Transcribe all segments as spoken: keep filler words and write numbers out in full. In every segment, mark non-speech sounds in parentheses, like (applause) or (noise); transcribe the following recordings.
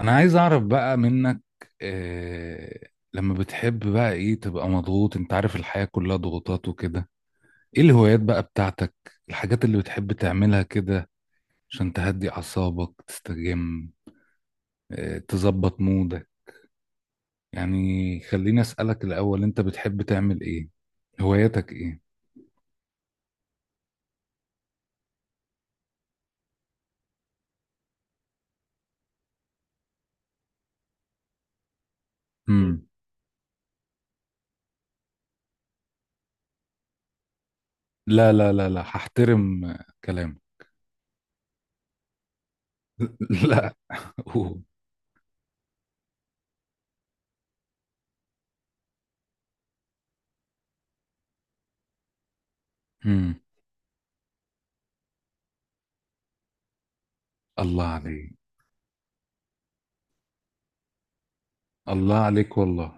انا عايز اعرف بقى منك إيه لما بتحب بقى ايه تبقى مضغوط، انت عارف الحياة كلها ضغوطات وكده. ايه الهوايات بقى بتاعتك؟ الحاجات اللي بتحب تعملها كده عشان تهدي اعصابك تستجم؟ إيه تظبط مودك؟ يعني خليني اسألك الاول، انت بتحب تعمل ايه؟ هواياتك ايه؟ امم. لا، لا، لا، لا، هحترم كلامك. (laughs) لا. أوه. امم. الله عليك. الله عليك والله.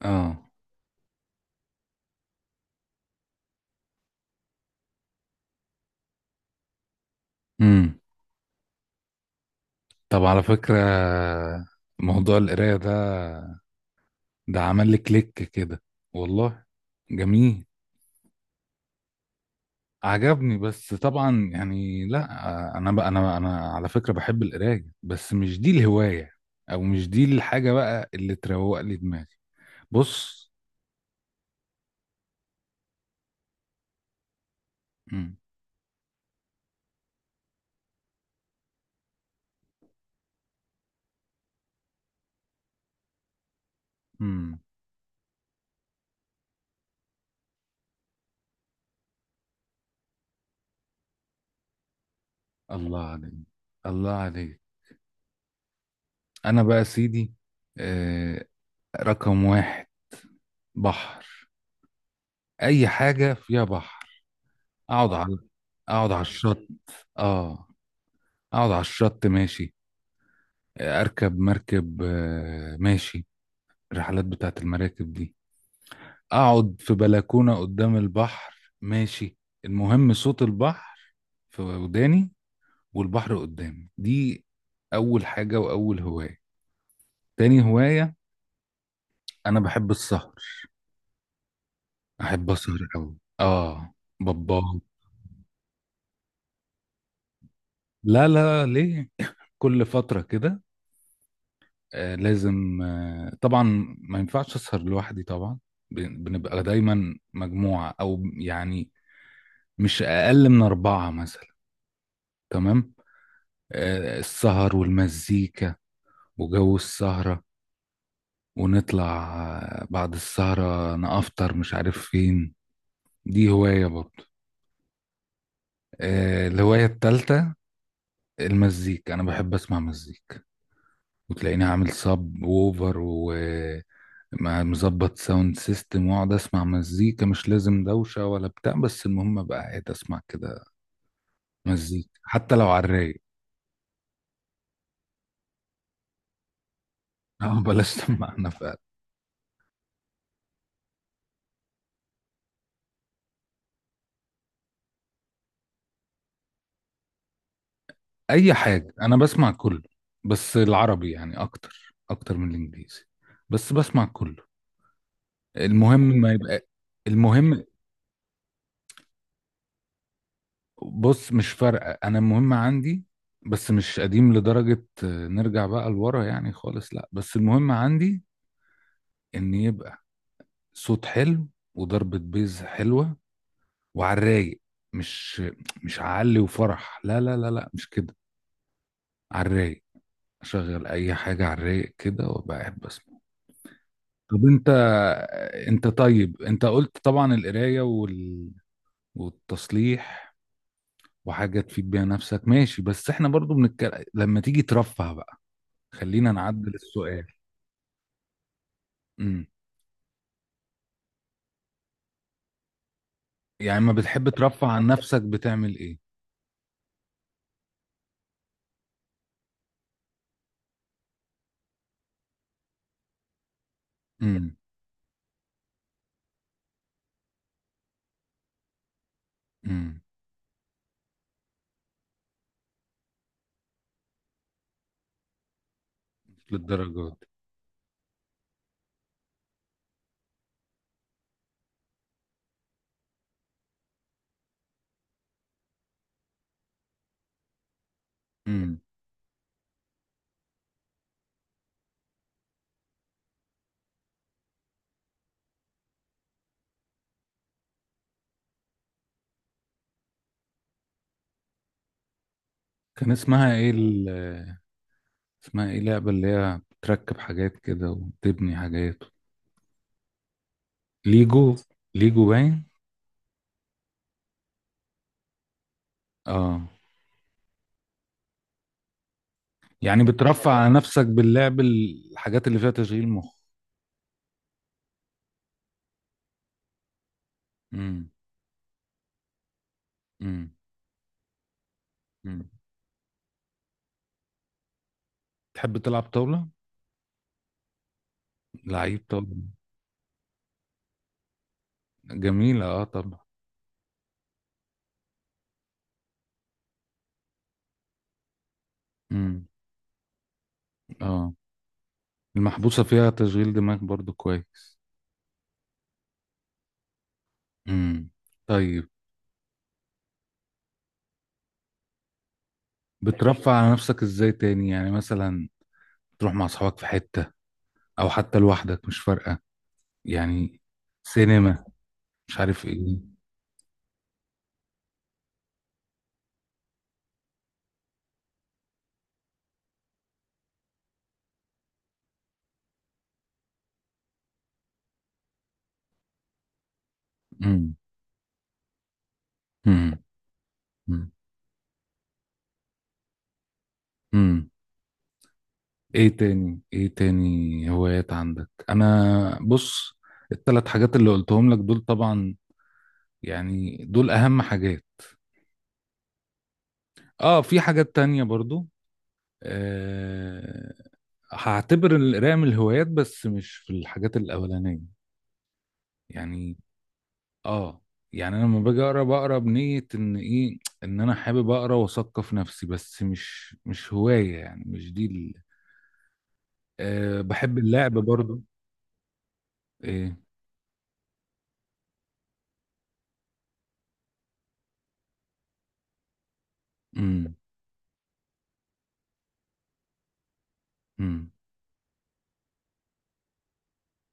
اه. مم. طب، على فكرة، موضوع القراية ده، ده عمل لي كليك كده والله. جميل. عجبني، بس طبعا يعني لا، انا بقى انا انا على فكرة بحب القراية، بس مش دي الهواية، او مش دي الحاجة بقى اللي تروق لي دماغي. بص. مم. مم. الله عليك. الله عليك. انا بقى يا سيدي، آه رقم واحد: بحر. اي حاجة فيها بحر. اقعد على اقعد على الشط. اه اقعد على الشط ماشي، اركب مركب، آه، ماشي. الرحلات بتاعت المراكب دي، اقعد في بلكونة قدام البحر، ماشي. المهم صوت البحر في وداني، والبحر قدامي. دي اول حاجة واول هواية. تاني هواية، انا بحب السهر. احب اسهر قوي. اه بابا. لا، لا، ليه؟ كل فترة كده، آه، لازم، آه، طبعا. ما ينفعش اسهر لوحدي طبعا. بن- بنبقى دايما مجموعة، او يعني مش اقل من اربعة مثلا. تمام. آه، السهر والمزيكا وجو السهرة ونطلع، آه، بعد السهرة نافطر مش عارف فين. دي هواية برضه. آه، الهواية التالتة: المزيكا. انا بحب اسمع مزيكا، وتلاقيني عامل صب ووفر مع مظبط ساوند سيستم، واقعد اسمع مزيكا. مش لازم دوشة ولا بتاع، بس المهم ابقى قاعد اسمع كده مزيكا، حتى لو على الرايق. (laughs) اه، بلاش سماعنا فعلا. اي حاجة، انا بسمع كله. بس العربي يعني اكتر اكتر من الانجليزي. بس بسمع كله. المهم ما يبقى. المهم، بص، مش فارقة انا. المهم عندي، بس مش قديم لدرجة آه، نرجع بقى لورا يعني خالص. لا، بس المهم عندي ان يبقى صوت حلو، وضربة بيز حلوة، وعلى الرايق. مش مش علي وفرح، لا لا لا لا مش كده. على الرايق. اشغل اي حاجه على الرايق كده وابقى قاعد بسمع. طب انت، انت طيب، انت قلت طبعا القرايه وال... والتصليح، وحاجه تفيد بيها نفسك، ماشي. بس احنا برضو بنتكلم لما تيجي ترفه بقى. خلينا نعدل السؤال. امم. يعني، ما بتحب ترفه عن نفسك، بتعمل ايه؟ امم. امم. للدرجات دي. امم. كان اسمها ايه اسمها ايه لعبة اللي هي بتركب حاجات كده وتبني حاجات؟ ليجو. ليجو باين. اه، يعني بترفع على آه. نفسك باللعب الحاجات اللي فيها تشغيل مخ. امم. امم. امم. تحب تلعب طاولة؟ لعيب طاولة. جميلة. اه طبعا. امم. اه، المحبوسة فيها تشغيل دماغ برضو كويس. امم. طيب. بترفع على نفسك ازاي تاني؟ يعني مثلا تروح مع اصحابك في حتة، او حتى لوحدك مش فارقة، يعني سينما، مش عارف ايه. مم. مم. مم. مم. ايه تاني ايه تاني هوايات عندك؟ انا، بص، الثلاث حاجات اللي قلتهم لك دول طبعا، يعني دول اهم حاجات. اه، في حاجات تانية برضو. أه هعتبر القراءة من الهوايات، بس مش في الحاجات الاولانية يعني. اه، يعني انا لما باجي اقرا بقرا بنية ان ايه، ان انا حابب اقرا واثقف نفسي. بس مش مش هواية يعني، مش دي ال- أه بحب اللعب برضو. ايه؟ امم. امم.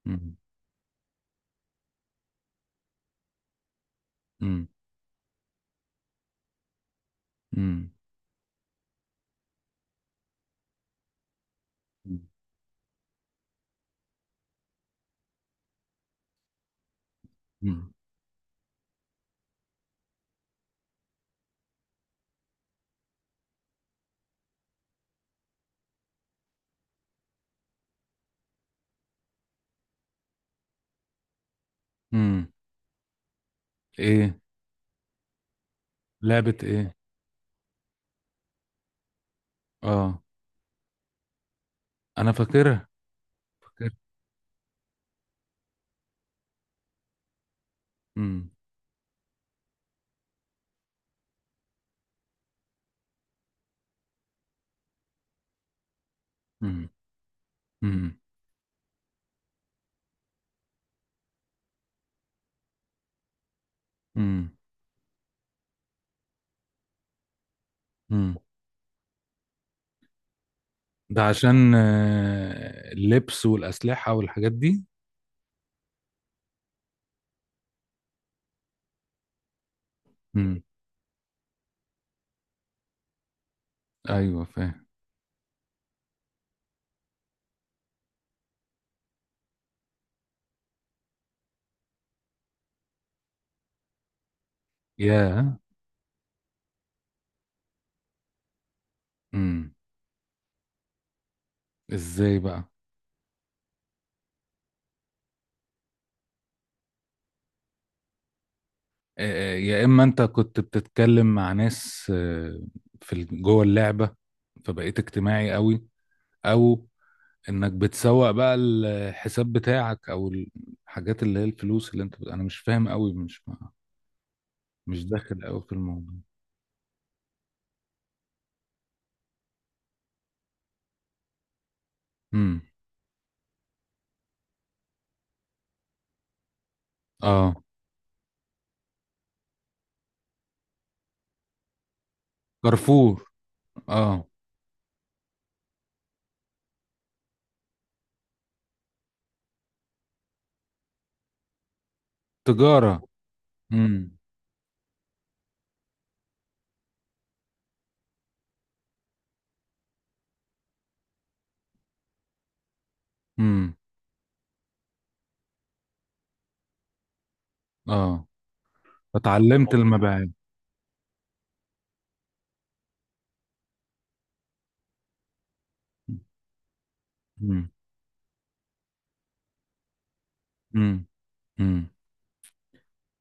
امم. امم. امم. امم. امم. ايه؟ لعبة ايه؟ اه، انا فاكرها. فاكرها. امم. امم. امم. امم. امم. ده عشان، آه، اللبس والأسلحة والحاجات دي. امم. ايوه فاهم. يا. امم. ازاي بقى؟ آه، آه، يا اما انت كنت بتتكلم مع ناس، آه، في ال- جوه اللعبة، فبقيت اجتماعي قوي. او انك بتسوق بقى الحساب بتاعك، او الحاجات اللي هي الفلوس اللي انت بت... انا مش فاهم قوي، مش ما... مش داخل قوي في الموضوع. امم. اه، كارفور. اه، تجارة. امم. امم. اه، اتعلمت المبيعات. امم. امم. امم.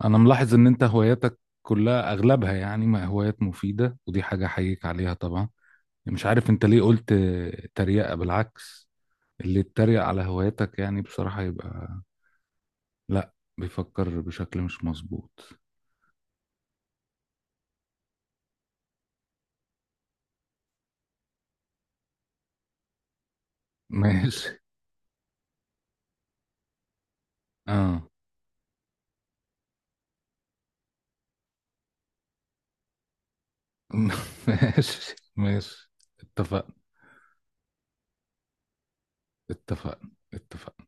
انا ملاحظ ان انت هواياتك كلها، اغلبها يعني، ما هوايات مفيدة، ودي حاجة احييك عليها طبعا. مش عارف انت ليه قلت تريقة. بالعكس، اللي يتريق على هواياتك يعني بصراحة يبقى، لا، بيفكر بشكل مش مظبوط. ماشي. اه. (laughs) ماشي، ماشي. اتفقنا. اتفقنا. اتفقنا.